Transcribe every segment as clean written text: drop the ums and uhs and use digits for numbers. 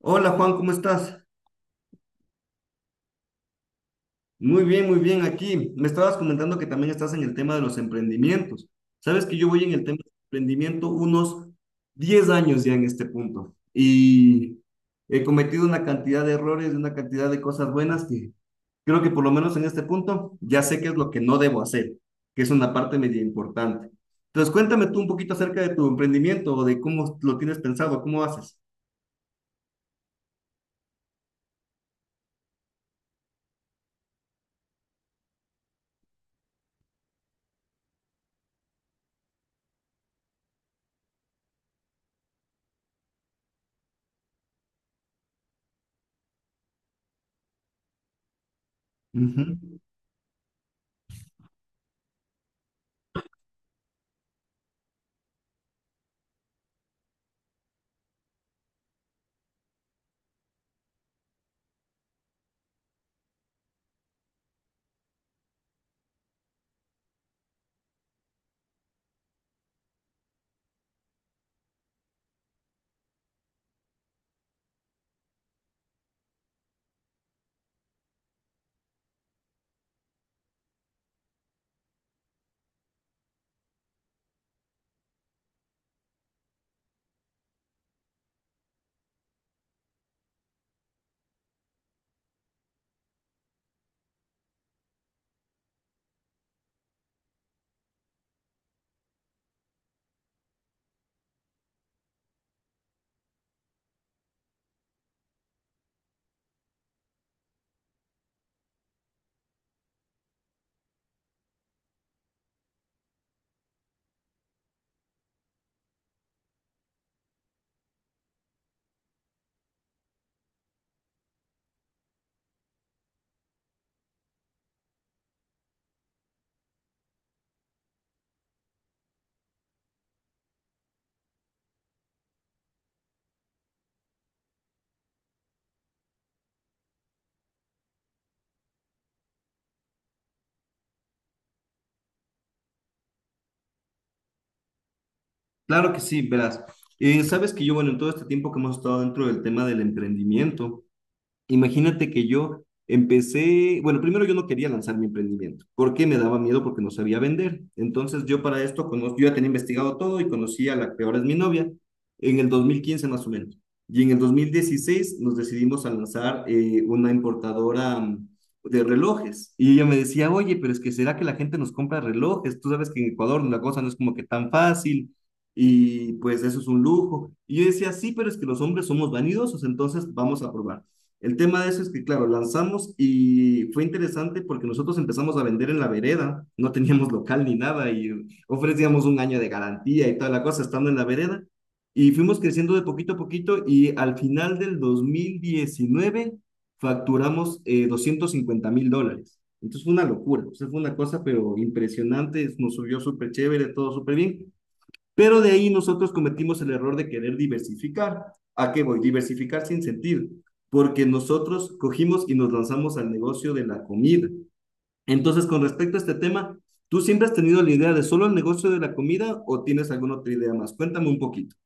Hola Juan, ¿cómo estás? Muy bien, muy bien. Aquí me estabas comentando que también estás en el tema de los emprendimientos. Sabes que yo voy en el tema de emprendimiento unos 10 años ya en este punto y he cometido una cantidad de errores, una cantidad de cosas buenas que creo que por lo menos en este punto ya sé qué es lo que no debo hacer, que es una parte media importante. Entonces, cuéntame tú un poquito acerca de tu emprendimiento o de cómo lo tienes pensado, cómo haces. Claro que sí, verás. Sabes que yo, bueno, en todo este tiempo que hemos estado dentro del tema del emprendimiento, imagínate que yo empecé, bueno, primero yo no quería lanzar mi emprendimiento. ¿Por qué? Me daba miedo porque no sabía vender. Entonces yo para esto, yo ya tenía investigado todo y conocí a la que ahora es mi novia en el 2015 más o menos. Y en el 2016 nos decidimos a lanzar una importadora de relojes. Y ella me decía, oye, pero es que ¿será que la gente nos compra relojes? Tú sabes que en Ecuador la cosa no es como que tan fácil y pues eso es un lujo. Y yo decía, sí, pero es que los hombres somos vanidosos, entonces vamos a probar. El tema de eso es que, claro, lanzamos y fue interesante porque nosotros empezamos a vender en la vereda, no teníamos local ni nada y ofrecíamos un año de garantía y toda la cosa estando en la vereda y fuimos creciendo de poquito a poquito y al final del 2019 facturamos 250.000 dólares. Entonces fue una locura, o sea, fue una cosa pero impresionante, nos subió súper chévere, todo súper bien. Pero de ahí nosotros cometimos el error de querer diversificar. ¿A qué voy? Diversificar sin sentido porque nosotros cogimos y nos lanzamos al negocio de la comida. Entonces, con respecto a este tema, ¿tú siempre has tenido la idea de solo el negocio de la comida o tienes alguna otra idea más? Cuéntame un poquito.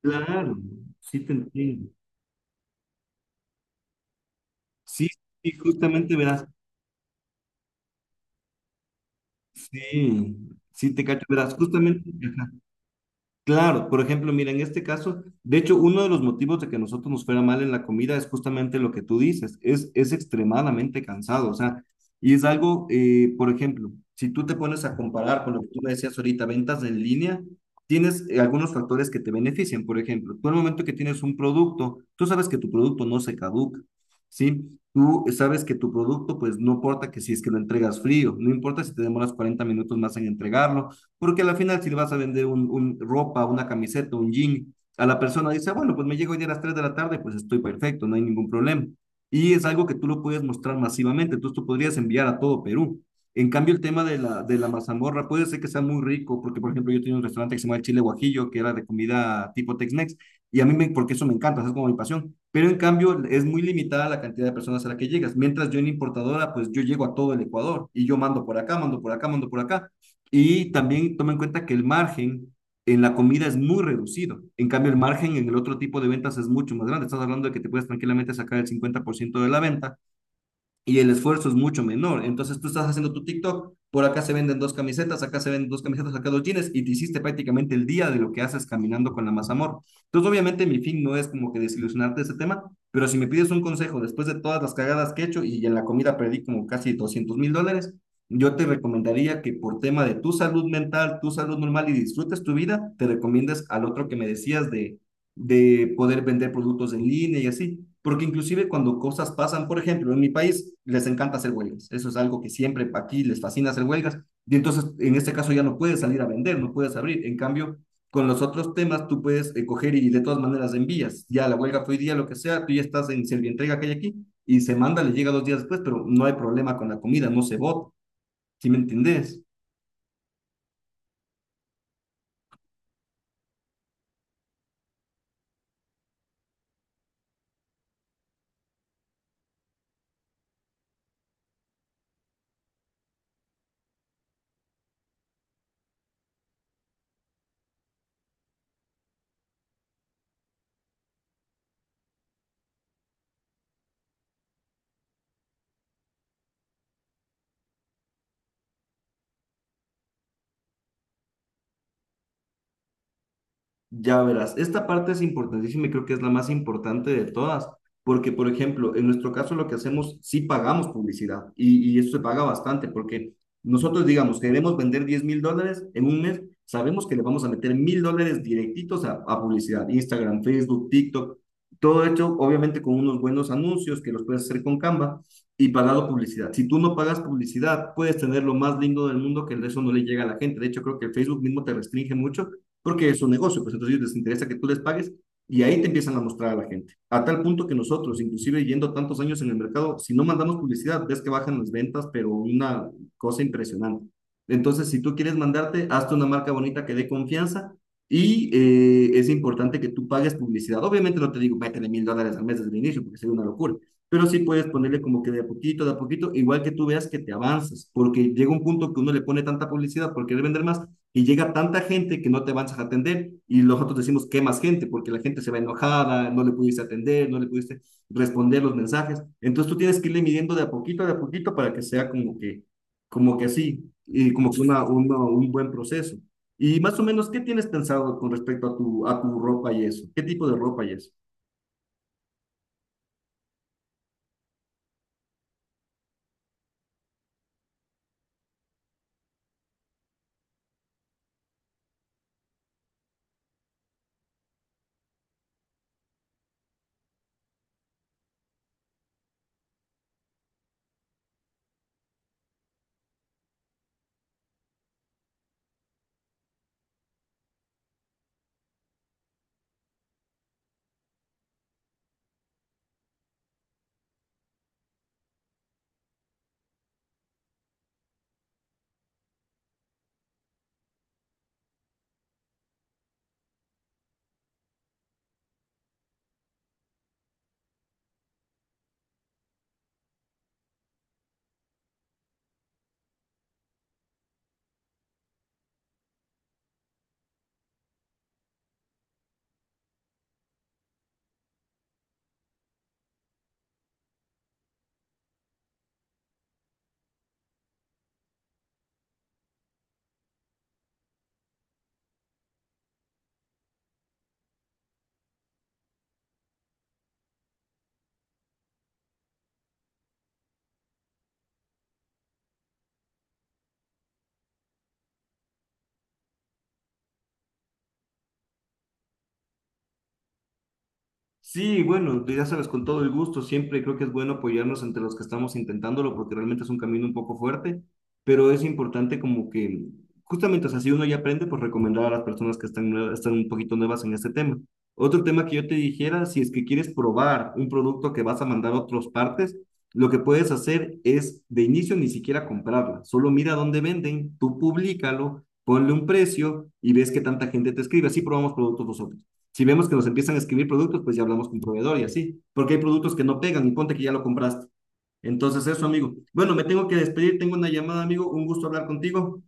Claro, sí te entiendo. Sí, sí, justamente verás. Sí, sí te cacho, verás. Justamente. Claro, por ejemplo, mira, en este caso, de hecho, uno de los motivos de que nosotros nos fuera mal en la comida es justamente lo que tú dices, es extremadamente cansado, o sea, y es algo, por ejemplo, si tú te pones a comparar con lo que tú me decías ahorita, ventas en línea, tienes algunos factores que te benefician, por ejemplo, tú el momento que tienes un producto, tú sabes que tu producto no se caduca. ¿Sí? Tú sabes que tu producto, pues no importa que si es que lo entregas frío, no importa si te demoras 40 minutos más en entregarlo porque al final, si le vas a vender un ropa, una camiseta, un jean, a la persona dice: "Ah, bueno, pues me llego hoy día a las 3 de la tarde, pues estoy perfecto, no hay ningún problema". Y es algo que tú lo puedes mostrar masivamente, entonces tú podrías enviar a todo Perú. En cambio, el tema de la, mazamorra puede ser que sea muy rico, porque por ejemplo, yo tenía un restaurante que se llama el Chile Guajillo, que era de comida tipo Tex-Mex, y a mí, me, porque eso me encanta, es como mi pasión. Pero en cambio, es muy limitada la cantidad de personas a la que llegas. Mientras yo en importadora, pues yo llego a todo el Ecuador y yo mando por acá, mando por acá, mando por acá. Y también toma en cuenta que el margen en la comida es muy reducido. En cambio, el margen en el otro tipo de ventas es mucho más grande. Estás hablando de que te puedes tranquilamente sacar el 50% de la venta y el esfuerzo es mucho menor. Entonces tú estás haciendo tu TikTok, por acá se venden dos camisetas, acá se venden dos camisetas, acá dos jeans, y te hiciste prácticamente el día de lo que haces caminando con la más amor. Entonces obviamente mi fin no es como que desilusionarte de ese tema, pero si me pides un consejo después de todas las cagadas que he hecho y en la comida perdí como casi 200.000 dólares, yo te recomendaría que por tema de tu salud mental, tu salud normal y disfrutes tu vida, te recomiendes al otro que me decías de poder vender productos en línea y así. Porque inclusive cuando cosas pasan, por ejemplo, en mi país les encanta hacer huelgas. Eso es algo que siempre aquí les fascina hacer huelgas. Y entonces, en este caso ya no puedes salir a vender, no puedes abrir. En cambio, con los otros temas tú puedes coger y de todas maneras envías. Ya la huelga fue hoy día, lo que sea, tú ya estás en Servientrega que hay aquí y se manda, le llega 2 días después, pero no hay problema con la comida, no se vota. ¿Sí me entendés? Ya verás, esta parte es importantísima y creo que es la más importante de todas, porque, por ejemplo, en nuestro caso lo que hacemos, sí pagamos publicidad y eso se paga bastante, porque nosotros, digamos, queremos vender 10.000 dólares en un mes, sabemos que le vamos a meter 1.000 dólares directitos a publicidad, Instagram, Facebook, TikTok, todo hecho, obviamente, con unos buenos anuncios que los puedes hacer con Canva y pagado publicidad. Si tú no pagas publicidad, puedes tener lo más lindo del mundo que eso no le llega a la gente. De hecho, creo que Facebook mismo te restringe mucho porque es un negocio, pues entonces les interesa que tú les pagues y ahí te empiezan a mostrar a la gente. A tal punto que nosotros, inclusive yendo tantos años en el mercado, si no mandamos publicidad, ves que bajan las ventas, pero una cosa impresionante. Entonces, si tú quieres mandarte, hazte una marca bonita que dé confianza y es importante que tú pagues publicidad. Obviamente no te digo, métele 1.000 dólares al mes desde el inicio, porque sería una locura, pero sí puedes ponerle como que de a poquito, igual que tú veas que te avanzas, porque llega un punto que uno le pone tanta publicidad por querer vender más, y llega tanta gente que no te avanzas a atender y nosotros decimos que más gente porque la gente se va enojada, no le pudiste atender, no le pudiste responder los mensajes. Entonces tú tienes que irle midiendo de a poquito para que sea como que así, y como que un buen proceso. Y más o menos, ¿qué tienes pensado con respecto a tu, ropa y eso? ¿Qué tipo de ropa y eso? Sí, bueno, tú ya sabes, con todo el gusto, siempre creo que es bueno apoyarnos entre los que estamos intentándolo, porque realmente es un camino un poco fuerte, pero es importante como que, justamente, o sea, si uno ya aprende, pues recomendar a las personas que están, están un poquito nuevas en este tema. Otro tema que yo te dijera, si es que quieres probar un producto que vas a mandar a otras partes, lo que puedes hacer es de inicio ni siquiera comprarla, solo mira dónde venden, tú públicalo, ponle un precio y ves que tanta gente te escribe, así probamos productos nosotros. Si vemos que nos empiezan a escribir productos, pues ya hablamos con proveedor y así, porque hay productos que no pegan y ponte que ya lo compraste. Entonces, eso, amigo. Bueno, me tengo que despedir, tengo una llamada, amigo, un gusto hablar contigo.